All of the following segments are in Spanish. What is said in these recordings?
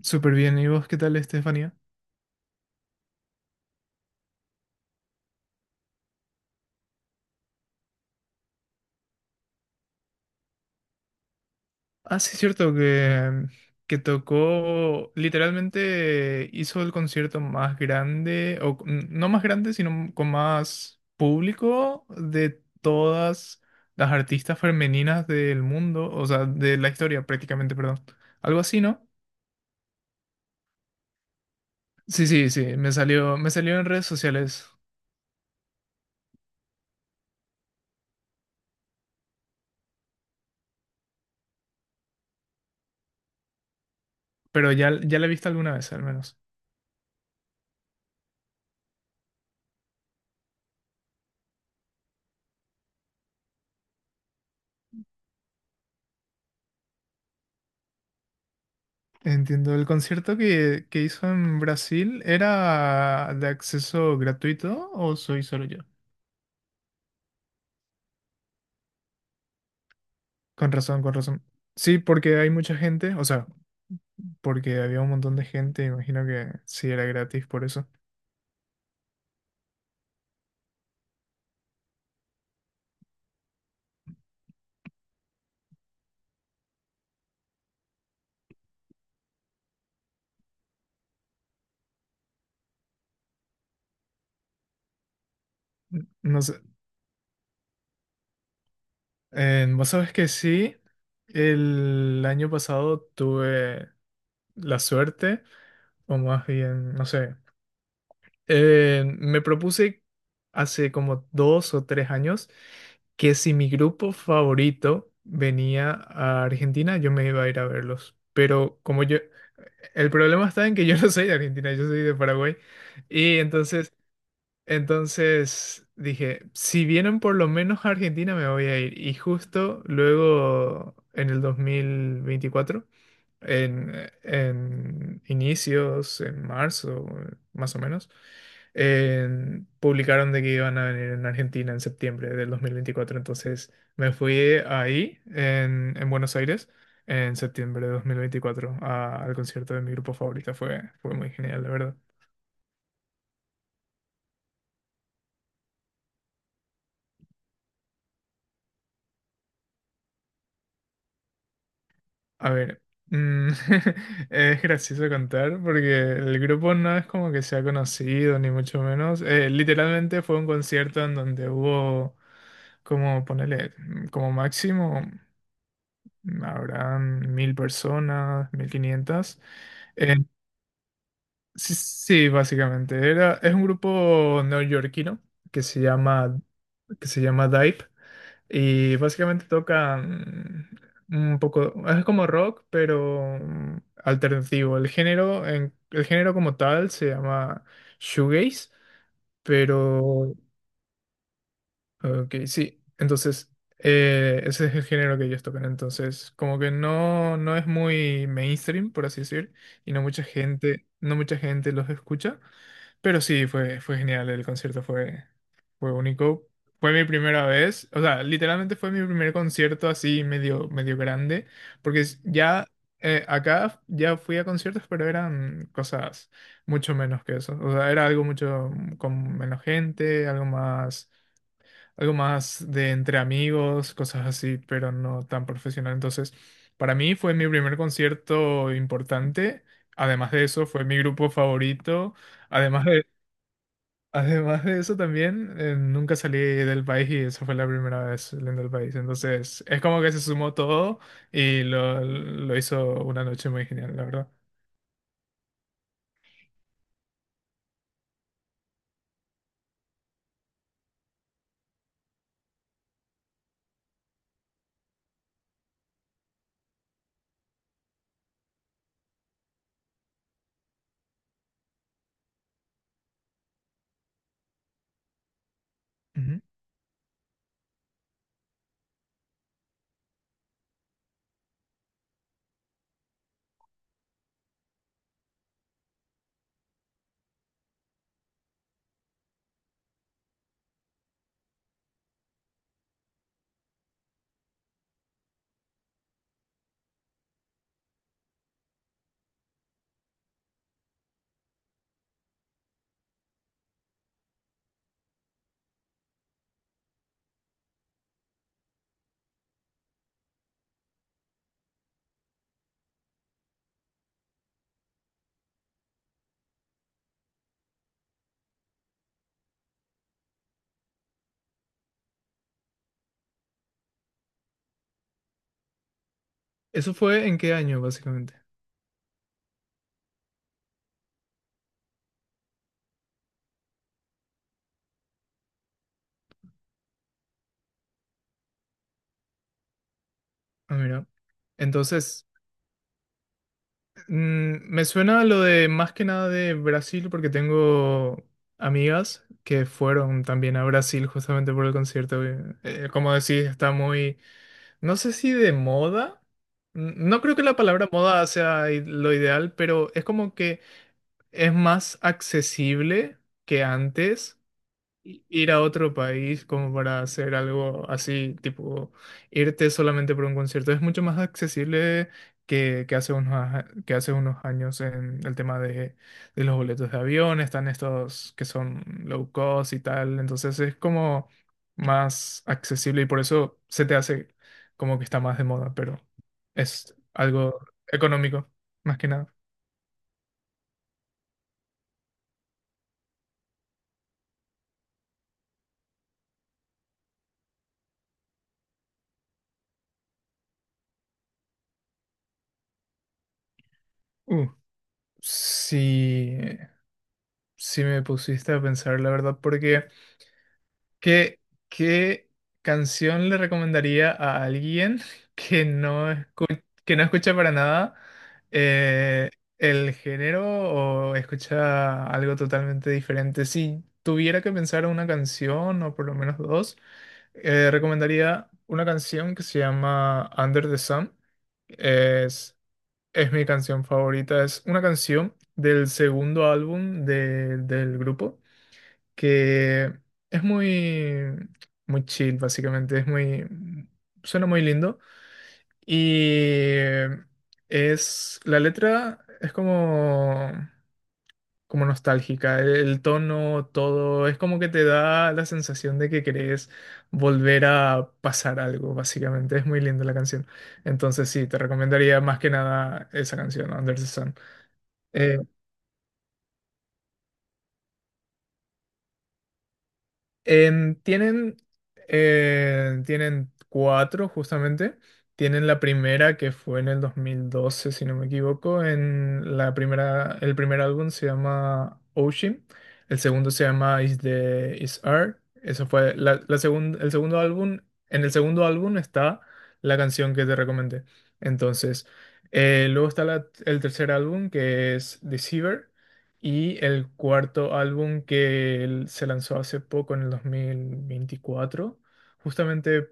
Súper bien, ¿y vos qué tal, Estefanía? Ah, sí, cierto que tocó, literalmente hizo el concierto más grande, o no más grande, sino con más público de todas las artistas femeninas del mundo, o sea, de la historia prácticamente, perdón. Algo así, ¿no? Sí, sí, sí, me salió en redes sociales, pero ya la he visto alguna vez al menos. Entiendo, el concierto que hizo en Brasil era de acceso gratuito, ¿o soy solo yo? Con razón, con razón. Sí, porque hay mucha gente, o sea, porque había un montón de gente, imagino que sí era gratis por eso. No sé, vos sabes que sí, el año pasado tuve la suerte, o más bien, no sé. Me propuse hace como dos o tres años que, si mi grupo favorito venía a Argentina, yo me iba a ir a verlos. Pero como yo, el problema está en que yo no soy de Argentina, yo soy de Paraguay. Y entonces, entonces dije, si vienen por lo menos a Argentina, me voy a ir. Y justo luego, en el dos mil veinticuatro, en inicios, en marzo, más o menos, publicaron de que iban a venir en Argentina en septiembre del dos mil veinticuatro. Entonces me fui ahí, en Buenos Aires, en septiembre de 2024, al concierto de mi grupo favorito. Fue muy genial, la verdad. A ver, mm, es gracioso contar porque el grupo no es como que sea conocido, ni mucho menos. Literalmente fue un concierto en donde hubo, como ponerle, como máximo, habrán mil personas, mil quinientas. Eh, sí, sí, básicamente. Era, es un grupo neoyorquino que se llama, que se llama Dive. Y básicamente tocan un poco, es como rock, pero alternativo. El género, el género como tal se llama shoegaze, pero ok, sí. Entonces, ese es el género que ellos tocan. Entonces, como que no, no es muy mainstream, por así decir, y no mucha gente, no mucha gente los escucha. Pero sí, fue genial. Fue único. Fue mi primera vez. O sea, literalmente fue mi primer concierto así medio, medio grande. Porque ya acá ya fui a conciertos, pero eran cosas mucho menos que eso. O sea, era algo mucho con menos gente, algo más, algo más de entre amigos, cosas así, pero no tan profesional. Entonces, para mí fue mi primer concierto importante. Además de eso, fue mi grupo favorito. Además de, además de eso, también nunca salí del país y esa fue la primera vez saliendo del país. Entonces, es como que se sumó todo y lo hizo una noche muy genial, la verdad. Ujú. ¿Eso fue en qué año, básicamente? Ah, mira. Entonces, me suena lo de más que nada de Brasil porque tengo amigas que fueron también a Brasil justamente por el concierto. Como decís, está muy, no sé si de moda. No creo que la palabra moda sea lo ideal, pero es como que es más accesible que antes ir a otro país como para hacer algo así, tipo irte solamente por un concierto. Es mucho más accesible que hace unos, que hace unos años, en el tema de los boletos de avión. Están estos que son low cost y tal. Entonces es como más accesible y por eso se te hace como que está más de moda, pero es algo económico, más que nada. Uh, sí, sí me pusiste a pensar, la verdad, porque... ¿Qué, ¿qué canción le recomendaría a alguien que no, que no escucha para nada eh, el género o escucha algo totalmente diferente? Si tuviera que pensar una canción o por lo menos dos, recomendaría una canción que se llama Under the Sun. Es, es mi canción favorita. Es una canción del segundo álbum del grupo que es muy, muy chill, básicamente, suena muy lindo y la letra es como, como nostálgica, el tono, todo, es como que te da la sensación de que querés volver a pasar algo, básicamente, es muy linda la canción. Entonces sí, te recomendaría más que nada esa canción, Under the Sun. Eh, Em, tienen, tienen cuatro justamente. Tienen la primera que fue en el dos mil doce, si no me equivoco. En la primera, el primer álbum se llama Ocean. El segundo se llama Is the Is Art. Eso fue la, el segundo álbum. En el segundo álbum está la canción que te recomendé. Entonces, luego está el tercer álbum, que es Deceiver. Y el cuarto álbum, que él se lanzó hace poco, en el dos mil veinticuatro, justamente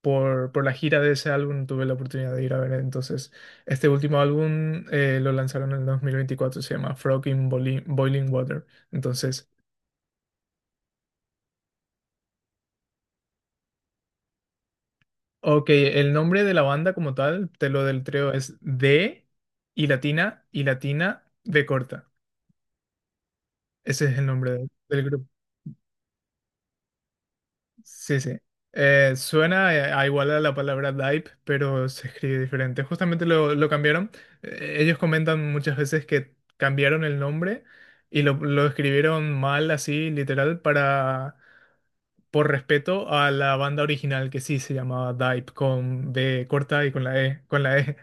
por la gira de ese álbum tuve la oportunidad de ir a ver. Entonces, este último álbum, lo lanzaron en el dos mil veinticuatro, se llama Frog in Boiling Water. Entonces, ok, el nombre de la banda como tal, te lo deletreo, es D y latina de corta. Ese es el nombre del grupo. Sí, sí. Suena a igual a la palabra DIPE, pero se escribe diferente. Justamente lo cambiaron. Ellos comentan muchas veces que cambiaron el nombre y lo escribieron mal, así, literal, para, por respeto a la banda original que sí se llamaba DIPE, con B corta y con la E.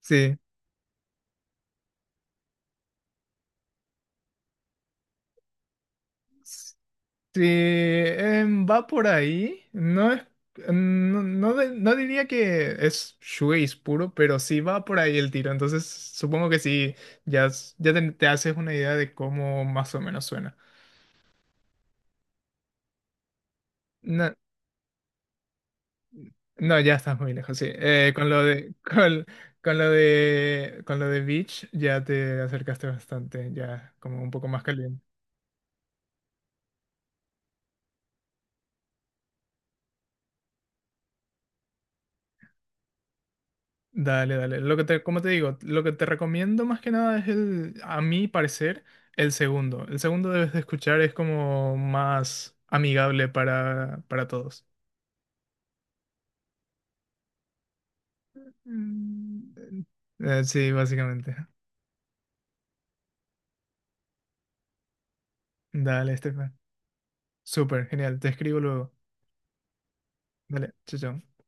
Sí. Sí, va por ahí. No es, no, no diría que es shoegaze puro, pero sí va por ahí el tiro. Entonces, supongo que sí, ya, ya te haces una idea de cómo más o menos suena. No, no, ya estás muy lejos, sí. Con lo de, con lo de Beach ya te acercaste bastante, ya como un poco más caliente. Dale, dale. Como te digo, lo que te recomiendo más que nada es el, a mi parecer, el segundo. El segundo debes de escuchar, es como más amigable para todos. Mm. Sí, básicamente. Dale, Estefan. Súper, genial. Te escribo luego. Dale, chao, chao.